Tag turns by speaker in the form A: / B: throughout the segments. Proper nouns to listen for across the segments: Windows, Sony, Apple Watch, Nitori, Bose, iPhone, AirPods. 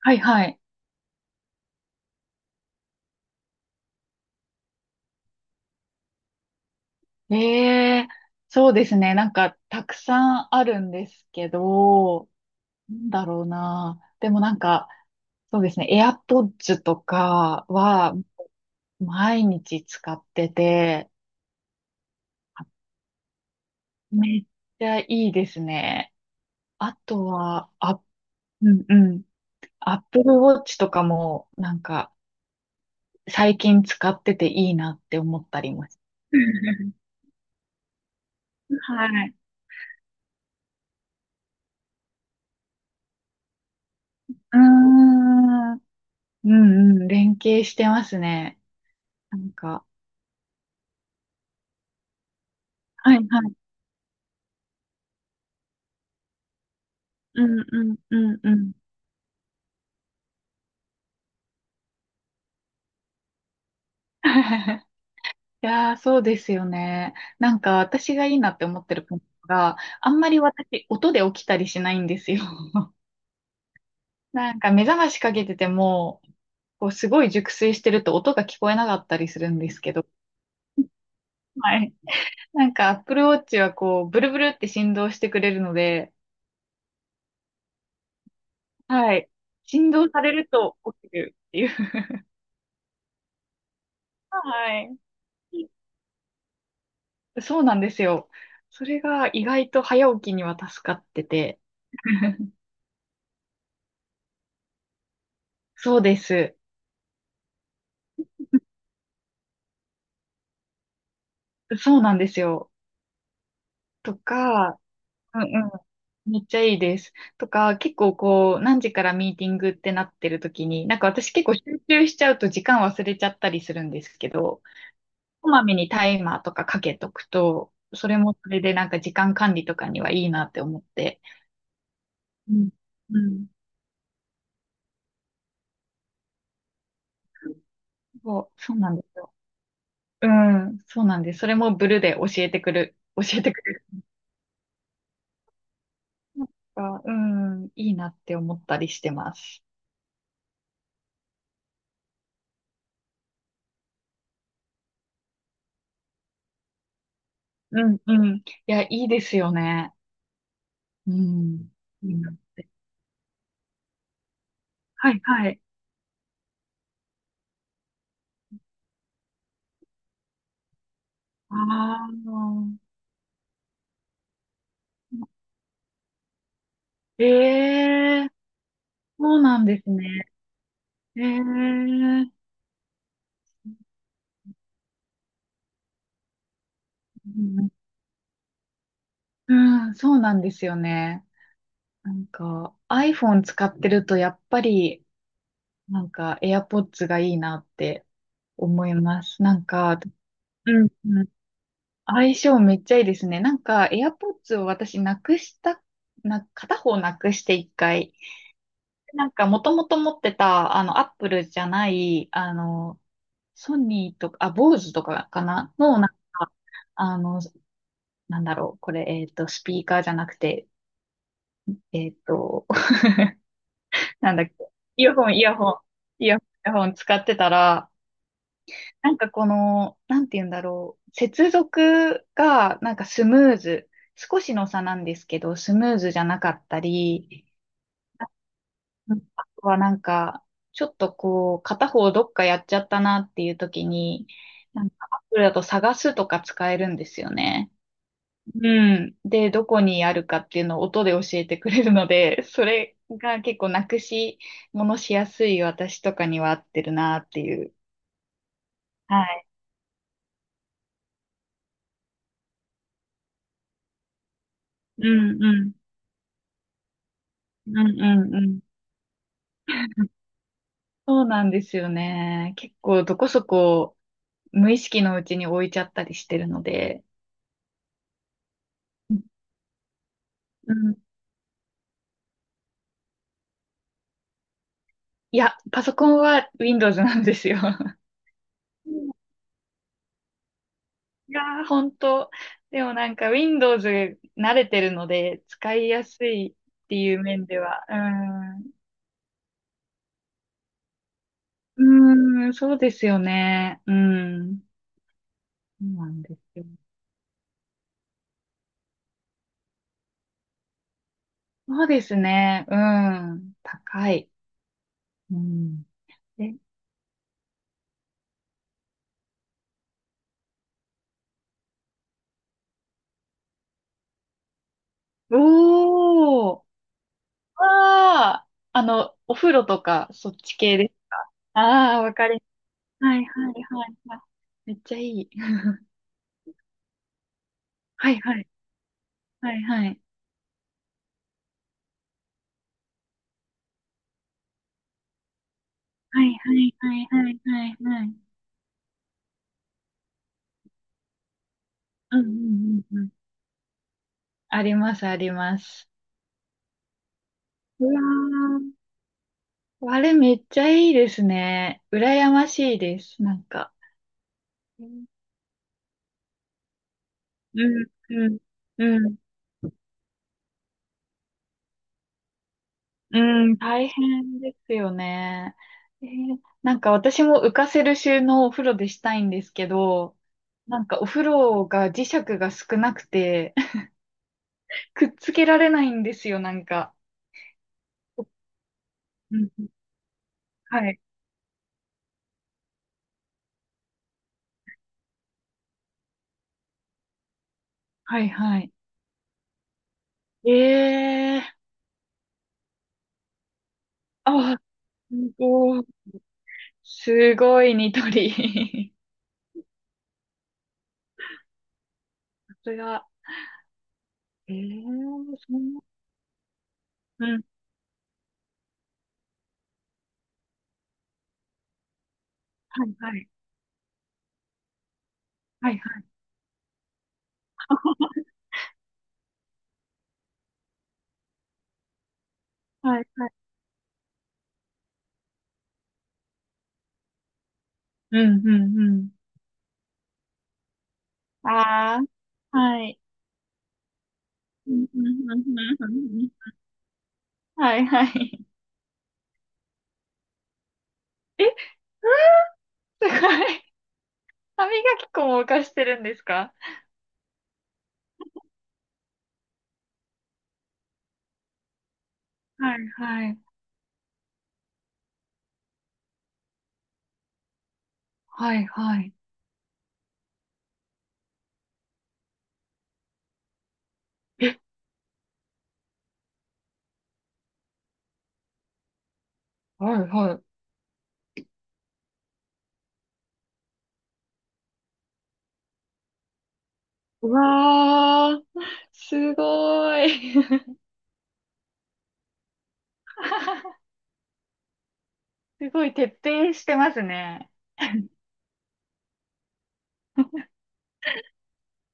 A: はいはい。ええ、そうですね。なんか、たくさんあるんですけど、なんだろうな。でもなんか、そうですね。AirPods とかは、毎日使ってて、あめっちゃいいですね。あとは、あ、うんうん。Apple Watch とかも、なんか、最近使ってていいなって思ったりもし はい。うーん。うんうん、連携してますね。なんか、はいはい。うんうんうんうん。いやー、そうですよね。なんか、私がいいなって思ってるポイントが、あんまり私、音で起きたりしないんですよ。なんか、目覚ましかけてても、こう、すごい熟睡してると音が聞こえなかったりするんですけど、はい。なんか、Apple Watch はこう、ブルブルって振動してくれるので、はい。振動されると起きるっていう。はい。そうなんですよ。それが意外と早起きには助かってて。そうです。そうなんですよ。とか、うんうん。めっちゃいいです。とか、結構こう、何時からミーティングってなってる時に、なんか私結構集中しちゃうと時間忘れちゃったりするんですけど、こまめにタイマーとかかけとくと、それもそれでなんか時間管理とかにはいいなって思って。うん。うん。そう、そうなんですよ。うん、そうなんです。それもブルで教えてくれる。なんか、うん、いいなって思ったりしてます。うん、うん。いや、いいですよね。うん。いいなって。はい、はい。ああ。ええー、そうなんですね。ええー。うん、うんそうなんですよね。なんか、iPhone 使ってると、やっぱり、なんか、AirPods がいいなって思います。なんか、うん、うん相性めっちゃいいですね。なんか、AirPods を私なくした、片方なくして一回。なんか、もともと持ってた、Apple じゃない、ソニーとか、あ、Bose とかかなの、なんか、あの、なんだろう、これ、スピーカーじゃなくて、えっと、なんだっけ、イヤホン、イヤホン、イヤホン使ってたら、なんかこの、なんて言うんだろう。接続がなんかスムーズ。少しの差なんですけど、スムーズじゃなかったり、ああとはなんか、ちょっとこう、片方どっかやっちゃったなっていう時に、なんかアプリだと探すとか使えるんですよね。うん。で、どこにあるかっていうのを音で教えてくれるので、それが結構なくし、ものしやすい私とかには合ってるなっていう。はい。うんうん。うんうんうん。そうなんですよね。結構どこそこ無意識のうちに置いちゃったりしてるので。うん。いや、パソコンは Windows なんですよ。うんいやー、本当。でもなんか Windows 慣れてるので使いやすいっていう面では。うん。うーん、そうですよね。うん。そうなんですよ。そうですね。うん。高い。うん。え、おー。ああ、お風呂とか、そっち系です。ああ、わかります。はいはいはいはい。めっちゃいい。はいはい。はいはい。はいはいはいはいはいはい。うんうんうんうん。ありますあります。うわーあれめっちゃいいですね。羨ましいです。なんか。うんうんうん。うんうん、大変ですよね。えーなんか私も浮かせる収納をお風呂でしたいんですけど、なんかお風呂が磁石が少なくて、くっつけられないんですよ、なんか。うんはい、はい、はい。ええーあ、すごい。すごい、ニトリ。さすが。ええーそんな、うん、はい、はい、はい、はい、はい、はい。うん、うん、うん。ああ、はい。うんうんうんうんうんはいはい。え、すごい。歯磨き粉も浮かしてるんですか？はいはい。はいはい。え、はいはい。うわー、すごい。すごい徹底してますね。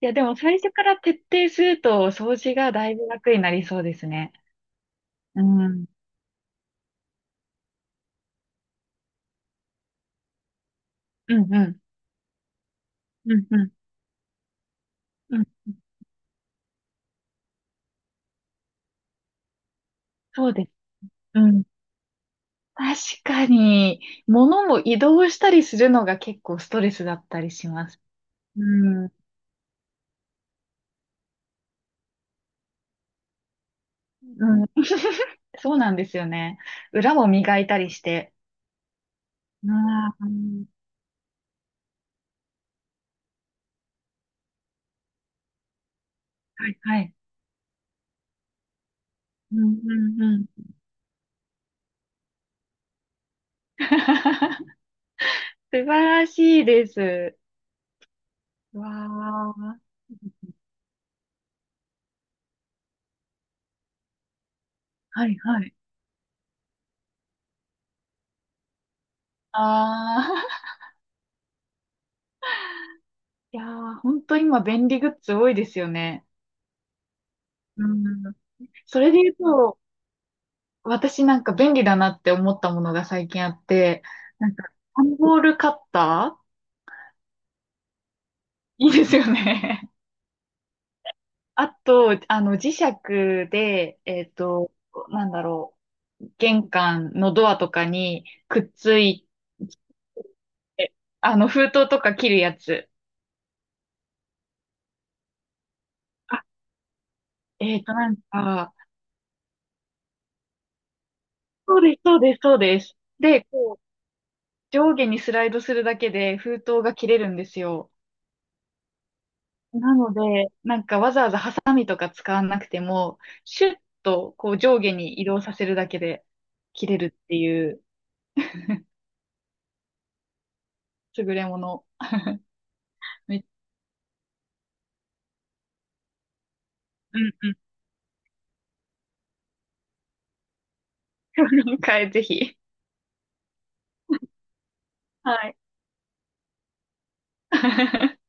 A: いや、でも最初から徹底すると掃除がだいぶ楽になりそうですね。うん。うんうん。うんうん。うん。そうです。うん確かに、物も移動したりするのが結構ストレスだったりします。うん、うん、そうなんですよね。裏も磨いたりして。ああ、うん、はい、はい。うん、うん、うん。素晴らしいです。わあ。はい、はい。ああ。いやー、本当今便利グッズ多いですよね。うん。それで言うと、私なんか便利だなって思ったものが最近あって、なんか、段ボールカッター。 いいですよね。あと、磁石で、なんだろう、玄関のドアとかにくっついて、封筒とか切るやつ。あ、なんか、そうです、そうです、そうです。で、こう、上下にスライドするだけで封筒が切れるんですよ。なので、なんかわざわざハサミとか使わなくても、シュッとこう上下に移動させるだけで切れるっていう優れもの。め うんうん。はい、ぜひ。はい。